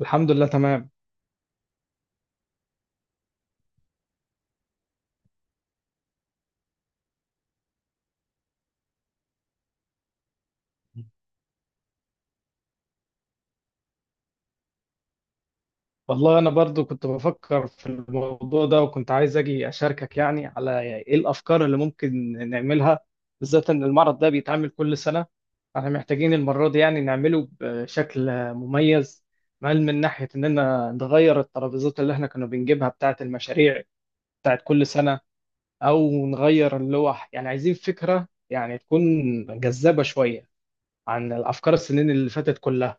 الحمد لله تمام. والله انا برضو كنت بفكر في الموضوع ده، وكنت عايز اجي اشاركك يعني على ايه الافكار اللي ممكن نعملها، بالذات ان المعرض ده بيتعمل كل سنة. احنا محتاجين المرة دي يعني نعمله بشكل مميز، مال من ناحية اننا نغير الترابيزات اللي احنا كنا بنجيبها بتاعة المشاريع بتاعة كل سنة، او نغير اللوح، يعني عايزين فكرة يعني تكون جذابة شوية عن الافكار السنين اللي فاتت كلها.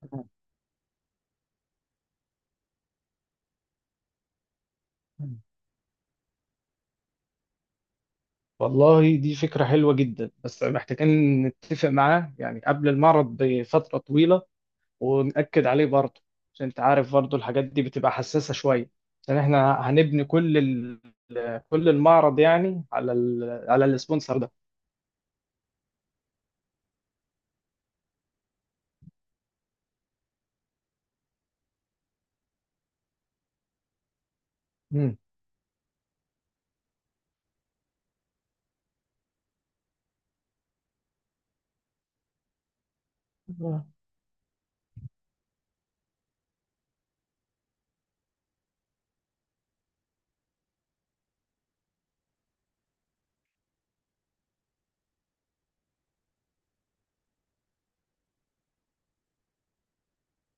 تمام. والله دي فكرة حلوة جدا، بس محتاجين نتفق معاه يعني قبل المعرض بفترة طويلة ونأكد عليه برضه، عشان انت عارف برضه الحاجات دي بتبقى حساسة شوية، عشان احنا هنبني كل كل المعرض يعني على على السبونسر ده. مم.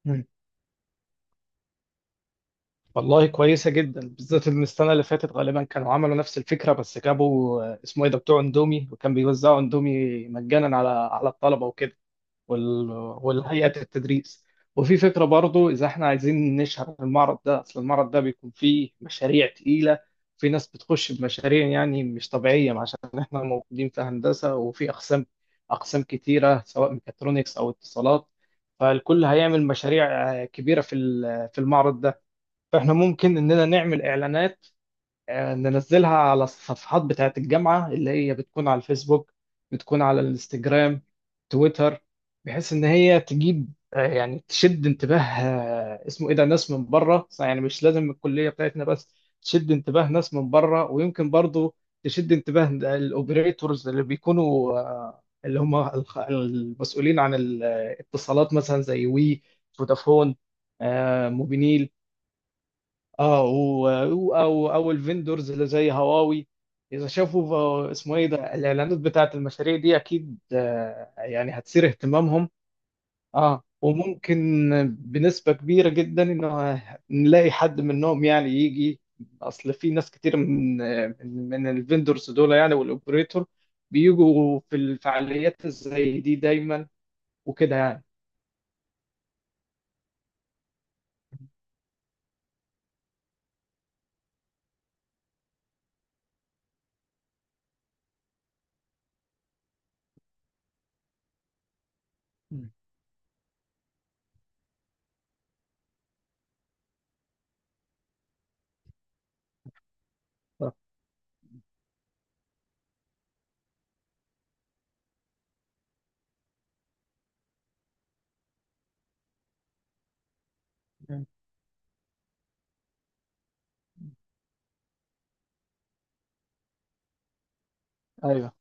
مم. والله كويسة جدا، بالذات ان السنة اللي فاتت غالبا كانوا عملوا نفس الفكرة، بس جابوا اسمه ايه ده بتوع اندومي، وكان بيوزعوا اندومي مجانا على الطلبة وكده. وال... والهيئة التدريس. وفي فكرة برضو إذا إحنا عايزين نشهر المعرض ده، أصل المعرض ده بيكون فيه مشاريع تقيلة. في ناس بتخش بمشاريع يعني مش طبيعية، عشان إحنا موجودين في هندسة وفي أقسام أقسام كتيرة، سواء ميكاترونكس أو اتصالات. فالكل هيعمل مشاريع كبيرة في المعرض ده. فإحنا ممكن إننا نعمل إعلانات، ننزلها على الصفحات بتاعة الجامعة اللي هي بتكون على الفيسبوك، بتكون على الانستجرام، تويتر. بحيث إن هي تجيب يعني تشد انتباه، اسمه إيه ده، ناس من بره، يعني مش لازم الكلية بتاعتنا بس، تشد انتباه ناس من بره، ويمكن برضو تشد انتباه الأوبريتورز اللي بيكونوا اللي هم المسؤولين عن الاتصالات، مثلا زي وي، فودافون، موبينيل. اه و- او الفندورز اللي زي هواوي، اذا شافوا اسمه ايه ده الاعلانات بتاعت المشاريع دي، اكيد يعني هتثير اهتمامهم. اه وممكن بنسبة كبيرة جدا انه نلاقي حد منهم يعني يجي، اصل في ناس كتير من الفندورز دول يعني والاوبريتور، بيجوا في الفعاليات زي دي دايما، وكده يعني. مم. صح. مم. ايوه.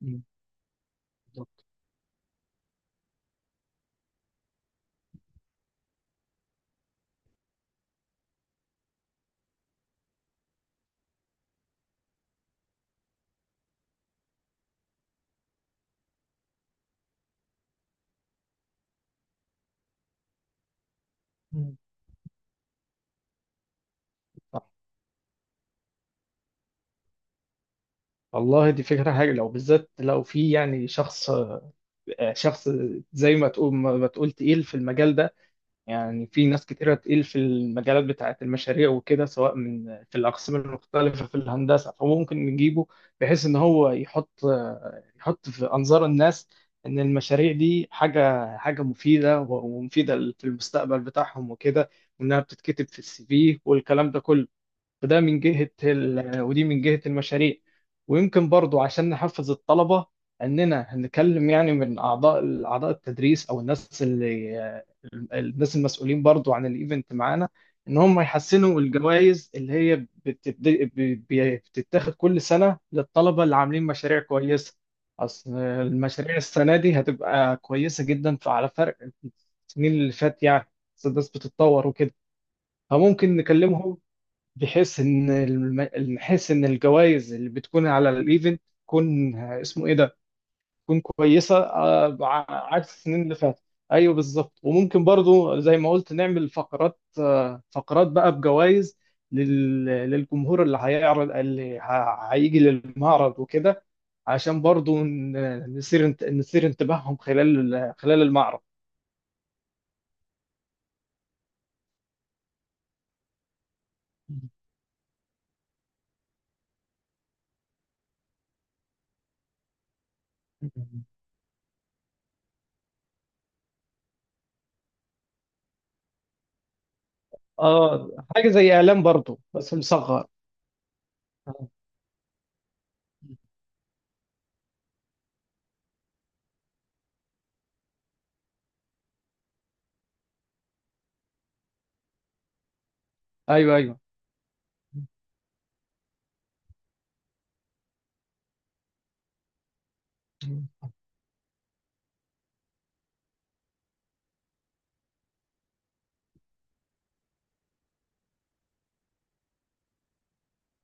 مم. بالظبط. مم. والله دي فكرة حاجة، لو بالذات لو في يعني شخص، شخص زي ما تقول ما تقول تقيل في المجال ده، يعني في ناس كتيرة تقيل في المجالات بتاعة المشاريع وكده، سواء من في الأقسام المختلفة في الهندسة، فممكن نجيبه، بحيث إن هو يحط يحط في أنظار الناس، إن المشاريع دي حاجة حاجة مفيدة ومفيدة في المستقبل بتاعهم وكده، وإنها بتتكتب في السي في والكلام ده كله. فده من جهة ودي من جهة المشاريع. ويمكن برضو عشان نحفز الطلبة، أننا هنتكلم يعني من أعضاء أعضاء التدريس، أو الناس المسؤولين برضو عن الإيفنت معانا، إن هم يحسنوا الجوائز اللي هي بتبد... بتتاخد كل سنة للطلبة اللي عاملين مشاريع كويسة. أصل المشاريع السنة دي هتبقى كويسة جدا، فعلى فرق السنين اللي فات يعني، أصل الناس بتتطور وكده، فممكن نكلمهم، بحيث ان الجوائز اللي بتكون على الايفنت تكون اسمه ايه ده، تكون كويسه، عكس السنين اللي فاتت. ايوه بالظبط، وممكن برضو زي ما قلت نعمل فقرات، بقى بجوائز للجمهور اللي هيعرض، اللي هيجي للمعرض وكده، عشان برضو نثير نثير انتباههم خلال خلال المعرض. اه، حاجه زي اعلان برضو بس مصغر. ايوه ايوه. مم.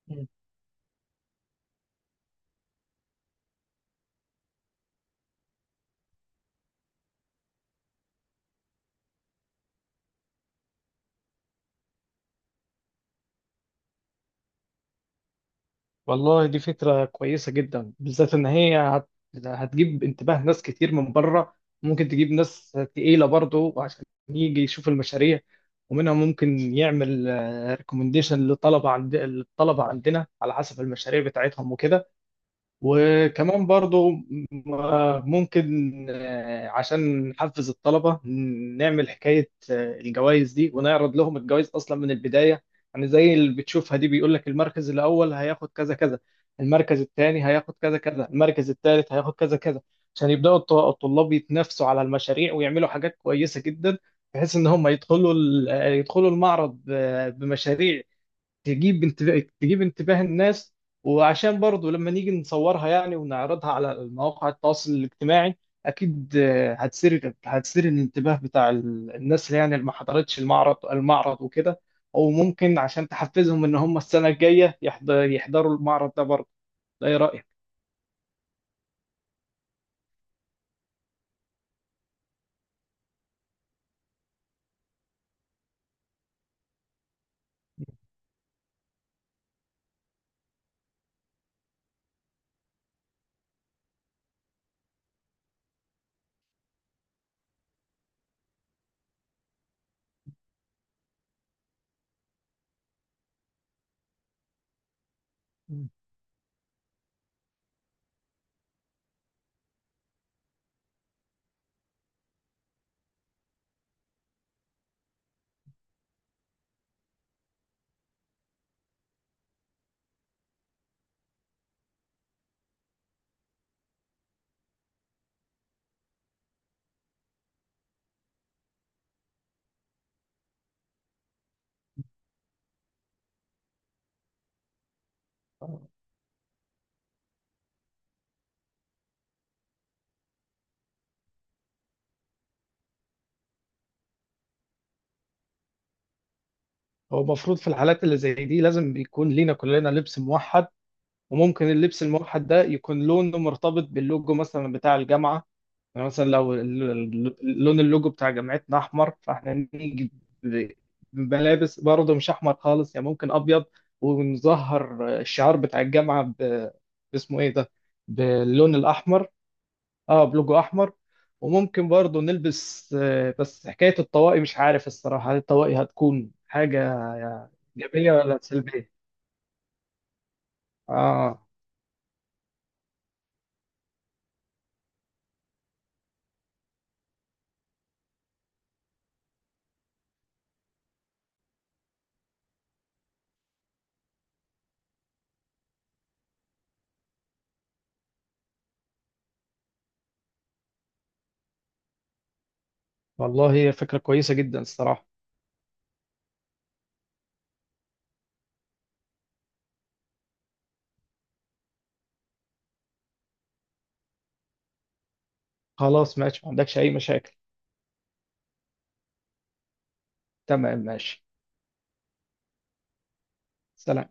مم. والله دي فكرة كويسة جدا، بالذات إن هي هتجيب انتباه ناس كتير من بره، ممكن تجيب ناس تقيلة برضه، وعشان يجي يشوف المشاريع، ومنها ممكن يعمل ريكومنديشن لطلبة عند الطلبة عندنا على حسب المشاريع بتاعتهم وكده. وكمان برضو ممكن عشان نحفز الطلبة نعمل حكاية الجوائز دي، ونعرض لهم الجوائز أصلا من البداية، يعني زي اللي بتشوفها دي بيقول لك المركز الأول هياخد كذا كذا، المركز الثاني هياخد كذا كذا، المركز الثالث هياخد كذا كذا. عشان يبدأوا الطلاب يتنافسوا على المشاريع، ويعملوا حاجات كويسة جدا، بحيث إن هم يدخلوا يدخلوا المعرض بمشاريع تجيب انتباه تجيب انتباه الناس. وعشان برضو لما نيجي نصورها يعني، ونعرضها على مواقع التواصل الاجتماعي، اكيد هتثير هتثير الانتباه بتاع الناس، اللي يعني اللي ما حضرتش المعرض المعرض وكده، او ممكن عشان تحفزهم ان هم السنة الجاية يحضروا المعرض ده برضه. ده ايه رأيك؟ مم. هو المفروض في الحالات اللي زي دي لازم يكون لينا كلنا لبس موحد، وممكن اللبس الموحد ده يكون لونه مرتبط باللوجو مثلا بتاع الجامعة. يعني مثلا لو لون اللوجو بتاع جامعتنا احمر، فاحنا نيجي ب- بملابس برضه مش احمر خالص، يعني ممكن ابيض، ونظهر الشعار بتاع الجامعه باسمه ايه ده، باللون الاحمر. اه، بلوجو احمر. وممكن برضه نلبس، بس حكايه الطواقي مش عارف الصراحه، هل الطواقي هتكون حاجه ايجابيه ولا سلبيه؟ اه. والله هي فكره كويسه جدا الصراحه. خلاص، ماشي، ما عندكش اي مشاكل. تمام، ماشي. سلام.